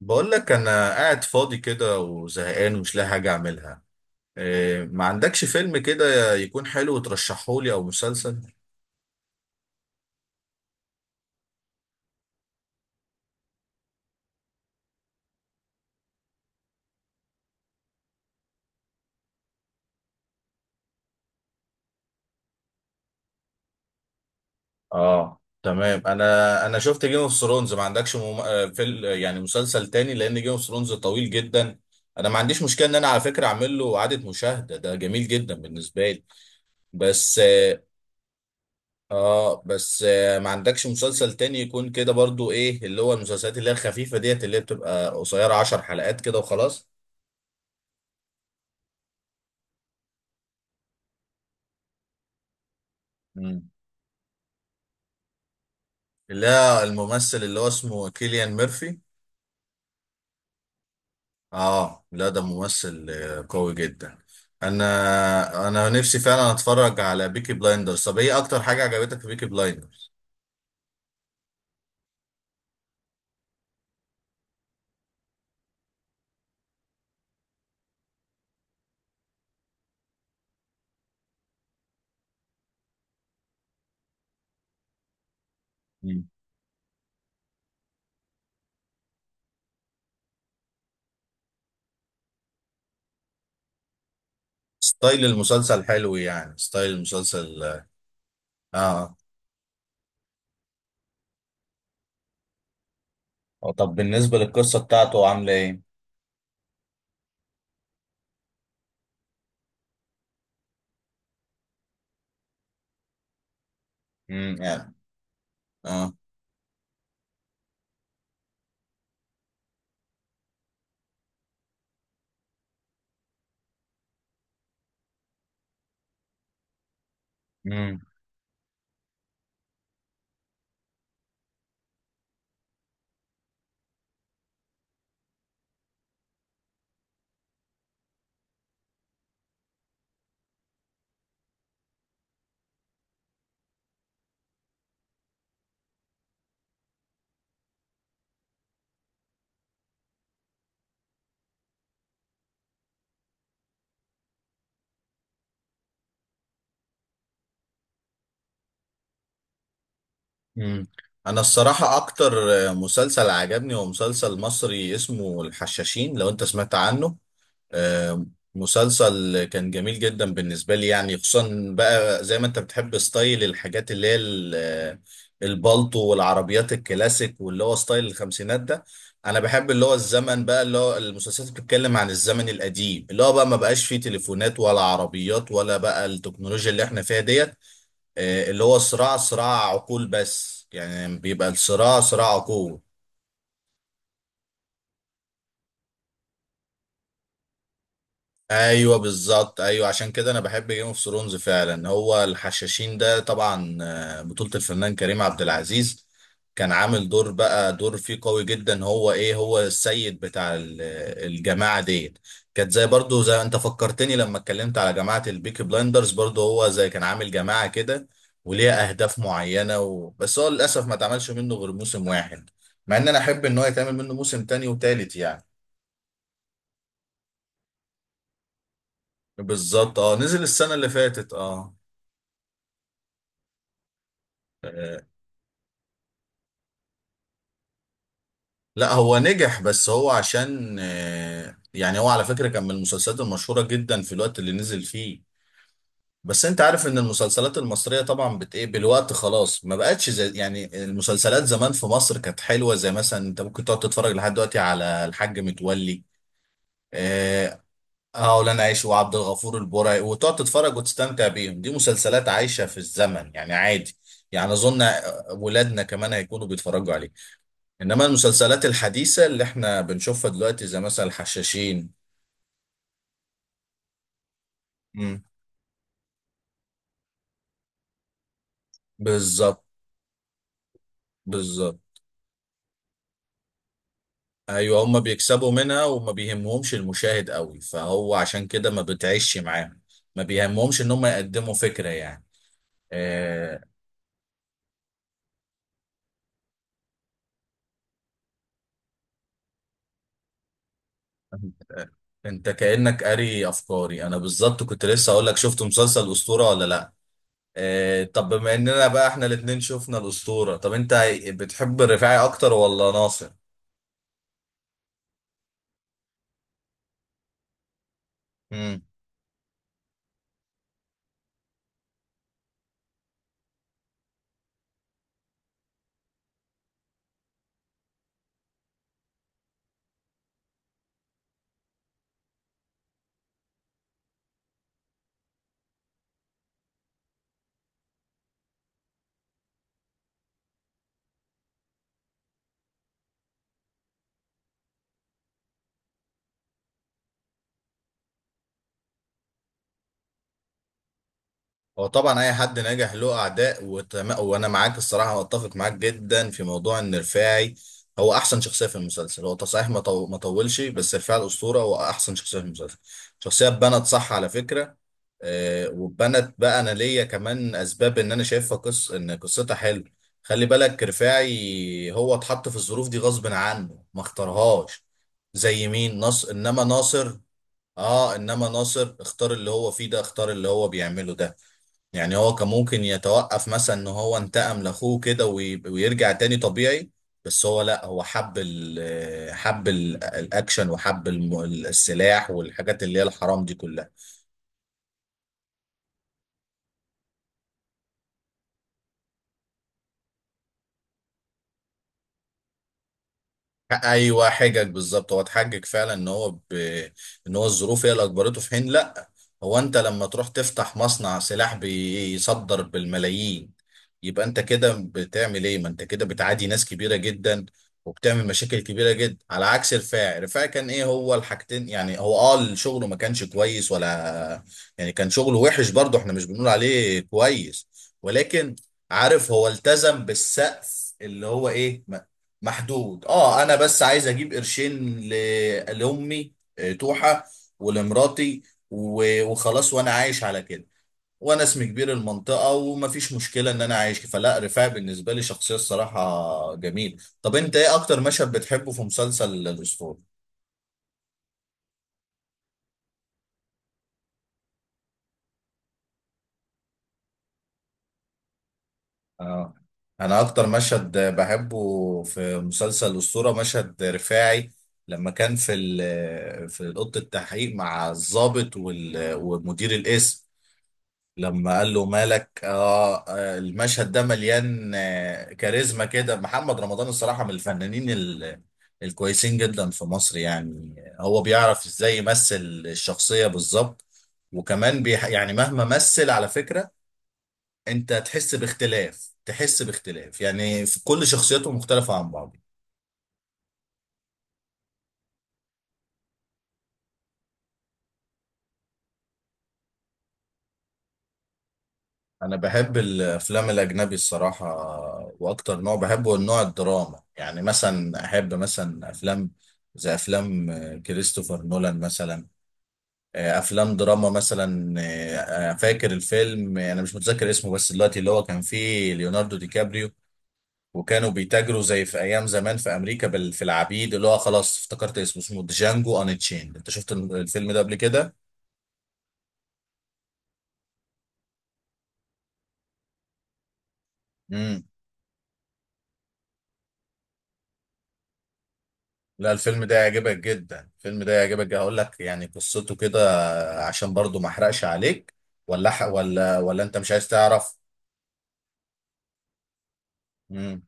بقول لك انا قاعد فاضي كده وزهقان ومش لاقي حاجه اعملها. إيه، ما عندكش فيلم كده يكون حلو ترشحه لي او مسلسل؟ اه تمام، انا شفت جيم اوف ثرونز. ما عندكش مم... آه، فيل... يعني مسلسل تاني لان جيم اوف ثرونز طويل جدا. انا ما عنديش مشكله ان انا على فكره اعمل له اعاده مشاهده، ده جميل جدا بالنسبه لي. بس اه، بس ما عندكش مسلسل تاني يكون كده برضو، ايه اللي هو المسلسلات اللي هي الخفيفه ديت اللي هي بتبقى قصيره 10 حلقات كده وخلاص؟ لا، الممثل اللي هو اسمه كيليان ميرفي. اه لا، ده ممثل قوي جدا. انا نفسي فعلا اتفرج على بيكي بلايندرز. طب ايه اكتر حاجة عجبتك في بيكي بلايندرز؟ مم. ستايل المسلسل حلو، يعني ستايل المسلسل اه. آه. طب بالنسبة للقصة بتاعته عاملة ايه؟ يعني. اه. امم. امم، انا الصراحة اكتر مسلسل عجبني هو مسلسل مصري اسمه الحشاشين، لو انت سمعت عنه. آه، مسلسل كان جميل جدا بالنسبة لي يعني، خصوصا بقى زي ما انت بتحب ستايل الحاجات اللي هي البالطو والعربيات الكلاسيك واللي هو ستايل الخمسينات ده. انا بحب اللي هو الزمن بقى، اللي هو المسلسلات اللي بتتكلم عن الزمن القديم اللي هو بقى ما بقاش فيه تليفونات ولا عربيات ولا بقى التكنولوجيا اللي احنا فيها ديت. آه، اللي هو صراع، صراع عقول بس يعني بيبقى الصراع صراع عقول. ايوه بالظبط، ايوه، عشان كده انا بحب جيم اوف ثرونز فعلا. هو الحشاشين ده طبعا آه، بطولة الفنان كريم عبد العزيز. كان عامل دور بقى، دور فيه قوي جدا. هو ايه، هو السيد بتاع الجماعة ديت. كانت زي، برضو زي، انت فكرتني لما اتكلمت على جماعة البيكي بلايندرز، برضو هو زي كان عامل جماعة كده وليها اهداف معينة بس هو للاسف ما اتعملش منه غير موسم واحد، مع ان انا احب ان هو يتعمل منه موسم تاني وتالت يعني. بالظبط اه، نزل السنة اللي فاتت اه. آه، لا هو نجح، بس هو عشان يعني هو على فكرة كان من المسلسلات المشهورة جدا في الوقت اللي نزل فيه. بس انت عارف ان المسلسلات المصرية طبعا بت ايه بالوقت خلاص، ما بقتش زي، يعني المسلسلات زمان في مصر كانت حلوة، زي مثلا انت ممكن تقعد تتفرج لحد دلوقتي على الحاج متولي. اه. آه، ولانا عايش وعبد الغفور البرعي، وتقعد تتفرج وتستمتع بيهم، دي مسلسلات عايشة في الزمن يعني عادي. يعني اظن ولادنا كمان هيكونوا بيتفرجوا عليها. انما المسلسلات الحديثه اللي احنا بنشوفها دلوقتي زي مثلا الحشاشين. مم. بالظبط. بالظبط. ايوه هم بيكسبوا منها وما بيهمهمش المشاهد قوي، فهو عشان كده ما بتعيش معاهم. ما بيهمهمش ان هم يقدموا فكره يعني. آه، انت، أنت كانك قاري افكاري. انا بالظبط كنت لسه اقول لك، شفت مسلسل اسطوره ولا لا؟ آه، طب بما اننا بقى احنا الاتنين شفنا الاسطوره، طب انت بتحب الرفاعي اكتر ولا ناصر؟ مم. هو طبعا اي حد ناجح له اعداء. وانا معاك الصراحه، واتفق معاك جدا في موضوع ان رفاعي هو احسن شخصيه في المسلسل. هو صحيح ما طولش، بس رفاعي الاسطوره هو احسن شخصيه في المسلسل. شخصيه اتبنت صح على فكره. آه واتبنت بقى، انا ليا كمان اسباب ان انا شايفها قص ان قصتها حلو. خلي بالك رفاعي هو اتحط في الظروف دي غصب عنه، ما اختارهاش. زي مين؟ ناصر. انما ناصر اختار اللي هو فيه ده، اختار اللي هو بيعمله ده. يعني هو كان ممكن يتوقف مثلا، ان هو انتقم لاخوه كده ويرجع تاني طبيعي. بس هو لا، هو حب ال حب ال الاكشن وحب السلاح والحاجات اللي هي الحرام دي كلها. ايوه حجج بالظبط، هو اتحجج فعلا ان ان هو الظروف هي اللي اجبرته. في حين لا، هو انت لما تروح تفتح مصنع سلاح بيصدر بالملايين، يبقى انت كده بتعمل ايه؟ ما انت كده بتعادي ناس كبيره جدا وبتعمل مشاكل كبيره جدا. على عكس رفاعي، رفاعي كان ايه، هو الحاجتين يعني. هو اه شغله ما كانش كويس، ولا يعني، كان شغله وحش برضه، احنا مش بنقول عليه كويس، ولكن عارف هو التزم بالسقف اللي هو ايه، محدود. اه انا بس عايز اجيب قرشين لامي آه، توحة، ولمراتي وخلاص، وانا عايش على كده، وانا اسمي كبير المنطقة ومفيش مشكلة ان انا عايش. فلا رفاعي بالنسبة لي شخصية الصراحة جميل. طب انت ايه اكتر مشهد بتحبه في مسلسل الاسطورة؟ اه، انا اكتر مشهد بحبه في مسلسل الاسطورة مشهد رفاعي لما كان في في اوضه التحقيق مع الضابط ومدير القسم لما قال له مالك. آه آه، المشهد ده مليان آه كاريزما كده. محمد رمضان الصراحة من الفنانين الكويسين جدا في مصر يعني، هو بيعرف ازاي يمثل الشخصية بالظبط. وكمان بيح يعني، مهما مثل على فكرة، انت تحس باختلاف، تحس باختلاف يعني في كل شخصيته مختلفة عن بعض. انا بحب الافلام الاجنبي الصراحه، واكتر نوع بحبه هو النوع الدراما. يعني مثلا احب مثلا افلام، زي افلام كريستوفر نولان مثلا، آه، افلام دراما مثلا. فاكر الفيلم آه، انا مش متذكر اسمه بس دلوقتي، اللي هو كان فيه ليوناردو دي كابريو وكانوا بيتاجروا زي في ايام زمان في امريكا في العبيد، اللي هو خلاص افتكرت اسمه، اسمه جانجو ان تشين. انت شفت الفيلم ده قبل كده؟ لا الفيلم ده يعجبك جدا، الفيلم ده يعجبك جدا. هقول لك يعني قصته كده عشان برضو ما احرقش عليك، ولا انت مش عايز تعرف؟ امم.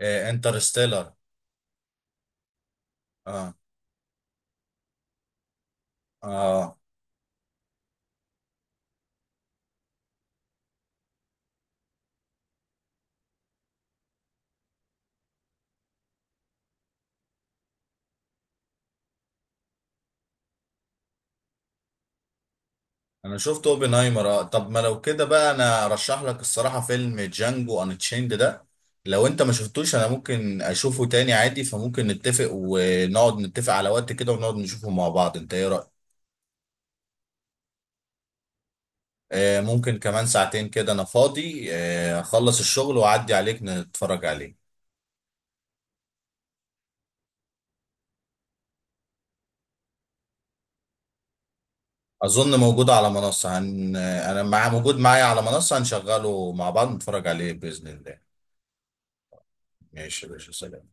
إيه، انترستيلر. اه. اه. انا شفت اوبنهايمر. آه. طب ما لو كده بقى، انا ارشح لك الصراحة فيلم جانجو ان تشيند ده، لو انت ما شفتوش. انا ممكن اشوفه تاني عادي، فممكن نتفق ونقعد، نتفق على وقت كده ونقعد نشوفه مع بعض. انت ايه رأيك؟ آه، ممكن كمان 2 ساعتين كده، انا فاضي اخلص الشغل واعدي عليك نتفرج عليه. اظن موجود على منصة. انا مع، موجود معايا على منصة، هنشغله مع بعض نتفرج عليه بإذن الله. ماشي يا باشا، سلام.